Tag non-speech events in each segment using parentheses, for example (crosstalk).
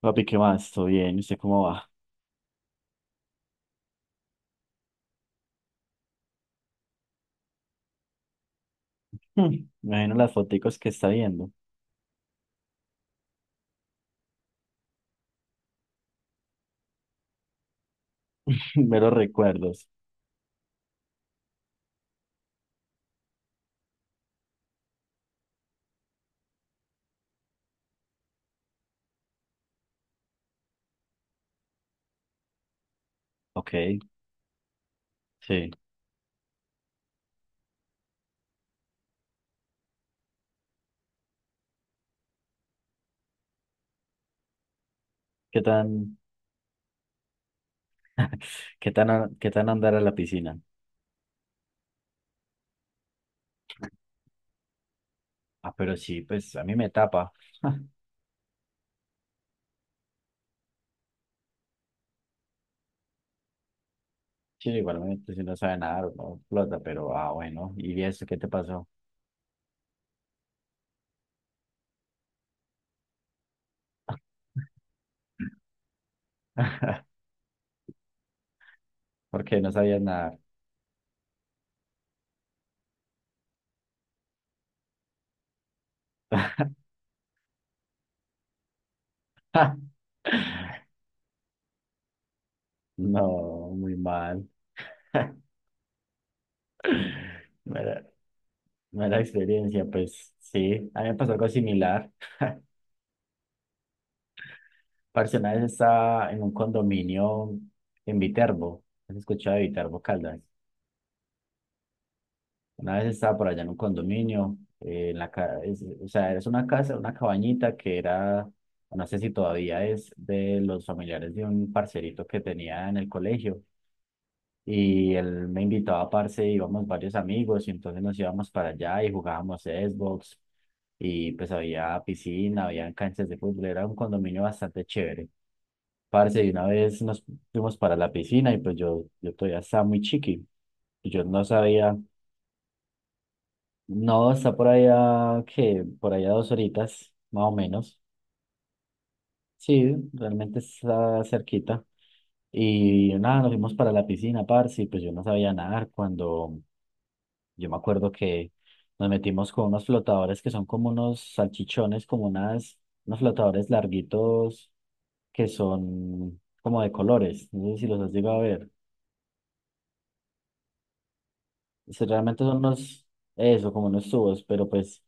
Papi, ¿qué más? ¿Todo bien? ¿Usted cómo va? Hmm, Me imagino las foticos que está viendo. (laughs) Meros recuerdos. Ok, sí. ¿Qué tan, ¿qué tan andar a la piscina? Ah, pero sí, pues a mí me tapa. Sí, igualmente, si no sabe nadar, no flota, pero ah, bueno. ¿Y eso qué te pasó? (laughs) ¿Por qué no sabías nadar? (laughs) No, muy mal. (laughs) Mala, mala experiencia, pues sí. A mí me pasó algo similar. Parce, una vez estaba en un condominio en Viterbo, ¿has escuchado de Viterbo, Caldas? Una vez estaba por allá en un condominio, en o sea, es una casa, una cabañita no sé si todavía es de los familiares de un parcerito que tenía en el colegio. Y él me invitaba, parce, íbamos varios amigos y entonces nos íbamos para allá y jugábamos Xbox y pues había piscina, había canchas de fútbol, era un condominio bastante chévere. Parce, y una vez nos fuimos para la piscina y pues yo todavía estaba muy chiqui. Y Yo no sabía, no, está por allá, que por allá dos horitas, más o menos. Sí, realmente está cerquita. Y nada, nos fuimos para la piscina, parce, y pues yo no sabía nadar cuando yo me acuerdo que nos metimos con unos flotadores que son como unos salchichones, unos flotadores larguitos que son como de colores. No sé si los has llegado a ver. Si realmente son unos, Eso, como unos tubos, pero pues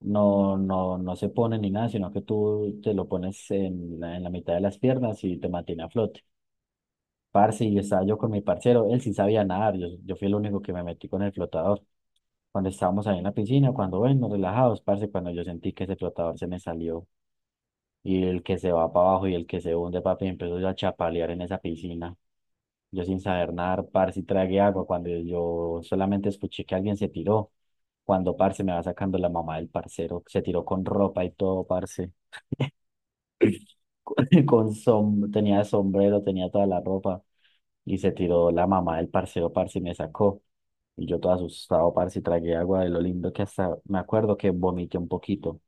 no se pone ni nada, sino que tú te lo pones en en la mitad de las piernas y te mantiene a flote. Parce, y estaba yo con mi parcero, él sí sabía nadar, yo fui el único que me metí con el flotador. Cuando estábamos ahí en la piscina, cuando bueno, relajados, parce, cuando yo sentí que ese flotador se me salió y el que se va para abajo y el que se hunde, papi, empezó yo a chapalear en esa piscina. Yo sin saber nadar, parce, y tragué agua cuando yo solamente escuché que alguien se tiró. Cuando, parce, me va sacando la mamá del parcero, se tiró con ropa y todo, parce. (clears throat) Con som tenía sombrero, tenía toda la ropa. Y se tiró la mamá del parcero, parce, y me sacó. Y yo todo asustado, parce, y tragué agua de lo lindo que hasta me acuerdo que vomité un poquito.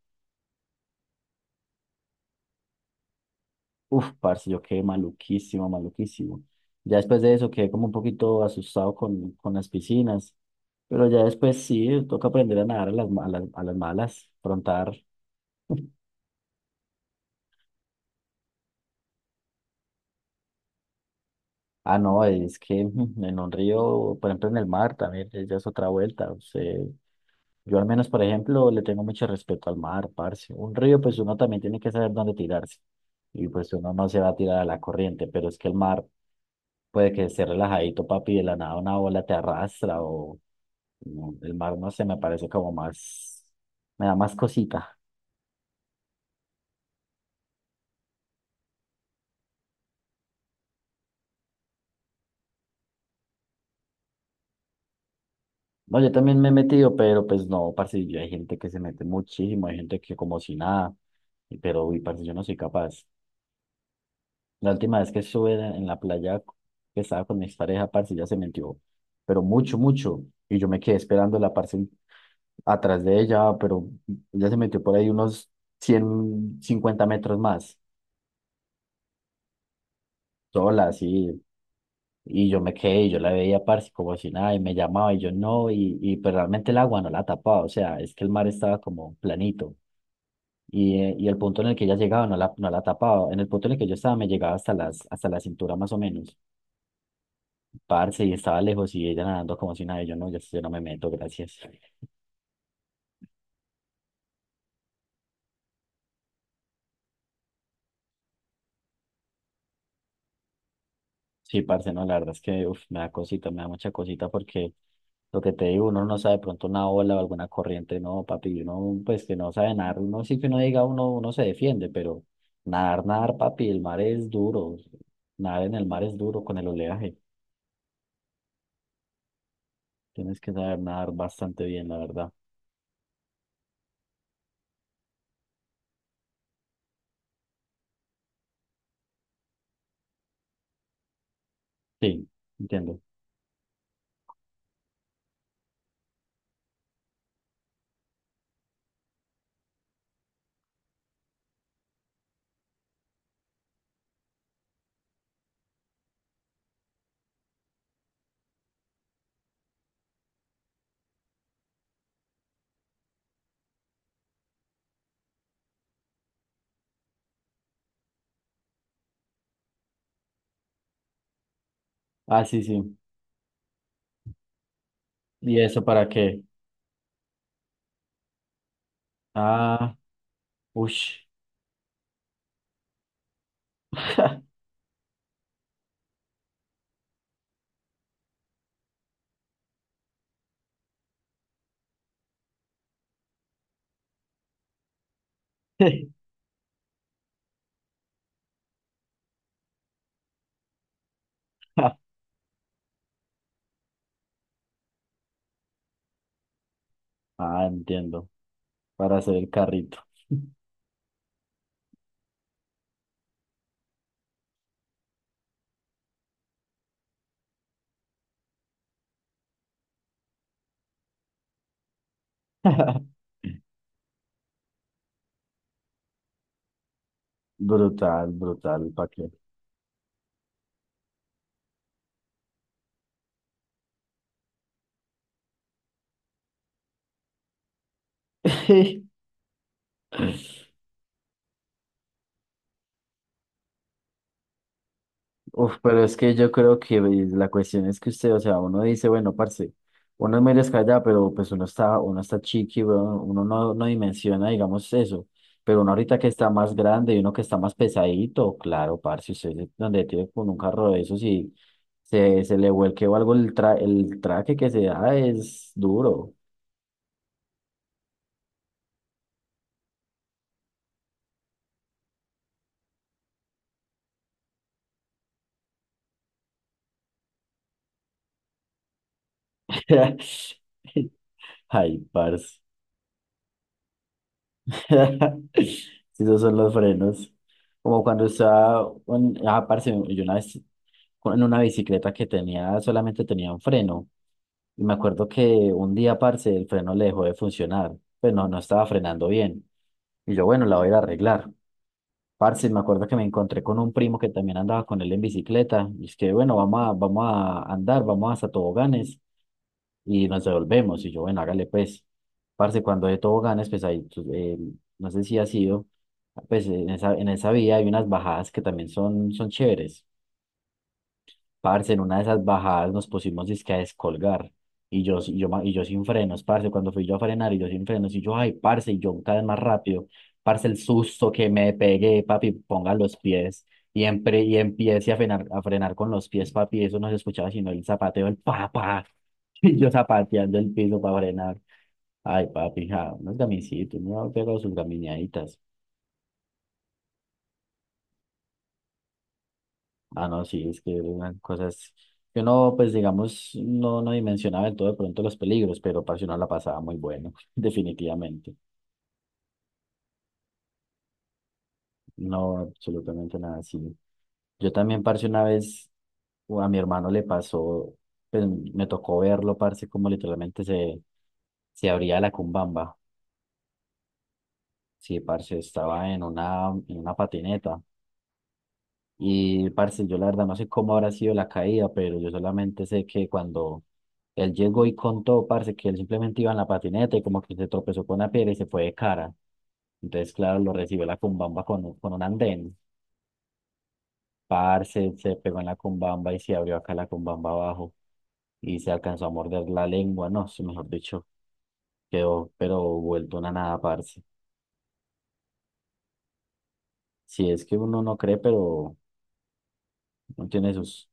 Uf, parce, yo quedé maluquísimo, maluquísimo. Ya después de eso quedé como un poquito asustado con las piscinas, pero ya después sí, toca aprender a nadar a a las malas, frontar. Ah, no, es que en un río, por ejemplo en el mar también, ya es otra vuelta. O sea, yo al menos, por ejemplo, le tengo mucho respeto al mar, parce. Un río, pues uno también tiene que saber dónde tirarse. Y pues uno no se va a tirar a la corriente, pero es que el mar puede que esté relajadito, papi, de la nada una ola te arrastra o no, el mar, no sé, me da más cosita. No, yo también me he metido, pero pues no, parce, yo- hay gente que se mete muchísimo, hay gente que como si nada, y- pero uy, parce, yo no soy capaz. La última vez que estuve en la playa que estaba con mi pareja, parce, ya se metió, pero mucho, mucho, y yo me quedé esperando la parce atrás de ella, pero ya se metió por ahí unos 150 metros más, sola, así, y yo me quedé, y yo la veía, parce, como si nada, y me llamaba, y yo no, y pero realmente el agua no la tapaba, o sea, es que el mar estaba como planito, y el punto en el que ella llegaba no no la tapaba, en el punto en el que yo estaba me llegaba hasta hasta la cintura más o menos, parce, y estaba lejos, y ella nadando como si nada, y yo no, yo no me meto, gracias. Sí, parce, no, la verdad es que uf, me da cosita, me da mucha cosita porque lo que te digo, uno no sabe de pronto una ola o alguna corriente, no, papi, uno pues que no sabe nadar, uno sí que uno diga, uno se defiende, pero nadar, papi, el mar es duro, nadar en el mar es duro con el oleaje, tienes que saber nadar bastante bien, la verdad. Sí, entiendo. Ah, sí, sí. ¿Y eso para qué? Ah, ush. (laughs) Ah, entiendo, para hacer el carrito. (laughs) Brutal, brutal, ¿para qué? (laughs) Uf, pero es que yo creo que pues, la cuestión es que usted, o sea, uno dice, bueno, parce, uno es muy descallado, pero pues uno está chiqui, weón, uno no, no dimensiona, digamos, eso. Pero uno ahorita que está más grande y uno que está más pesadito, claro, parce, usted se- donde tiene con un carro de esos y se le vuelque o algo el traje que se da es duro. (laughs) Ay, parce. (laughs) Si esos son los frenos. Como cuando ah, parce, yo una vez en una bicicleta que tenía, solamente tenía un freno. Y me acuerdo que un día, parce, el freno le dejó de funcionar. Pues no, no estaba frenando bien. Y yo, bueno, la voy a ir a arreglar. Parce, me acuerdo que me encontré con un primo que también andaba con él en bicicleta. Y es que, bueno, vamos a andar, vamos hasta toboganes y nos devolvemos. Y yo, bueno, hágale pues. Parce, cuando de toboganes, pues ahí, tú, no sé si ha sido, pues en esa vía hay unas bajadas que también son, son chéveres. Parce, en una de esas bajadas nos pusimos dizque a descolgar. Y y yo sin frenos, parce. Cuando fui yo a frenar y yo sin frenos, y yo, ay, parce, y yo cada vez más rápido. Parce, el susto que me pegué, papi, ponga los pies. Y empiece a frenar con los pies, papi. Eso no se escuchaba sino el zapateo, el papá. (laughs) Y yo zapateando el piso para frenar. Ay, papi, ja, unos gamisitos, me han pegado sus gamineaditas. Ah, no, sí, es que eran cosas que uno, pues digamos, no, no dimensionaba del todo de pronto los peligros, pero parce, uno la pasaba muy bueno, (laughs) definitivamente. No, absolutamente nada así. Yo también, parce, una vez o a mi hermano le pasó, pues me tocó verlo, parce, como literalmente se abría la cumbamba. Sí, parce, estaba en en una patineta. Y, parce, yo la verdad no sé cómo habrá sido la caída, pero yo solamente sé que cuando él llegó y contó, parce, que él simplemente iba en la patineta y como que se tropezó con una piedra y se fue de cara. Entonces, claro, lo recibió la cumbamba con un andén. Parce, se pegó en la cumbamba y se abrió acá la cumbamba abajo y se alcanzó a morder la lengua. No, sí, mejor dicho, quedó, pero vuelto una nada, parce. Si es que uno no cree, pero no tiene sus,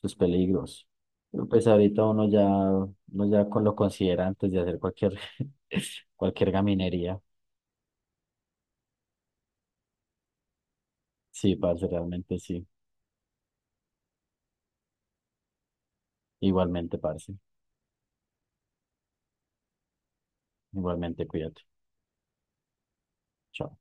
sus peligros. Pero pues ahorita uno ya con lo considera antes de hacer cualquier, (laughs) cualquier gaminería. Sí, parce, realmente sí. Igualmente, parce. Igualmente, cuídate. Chao.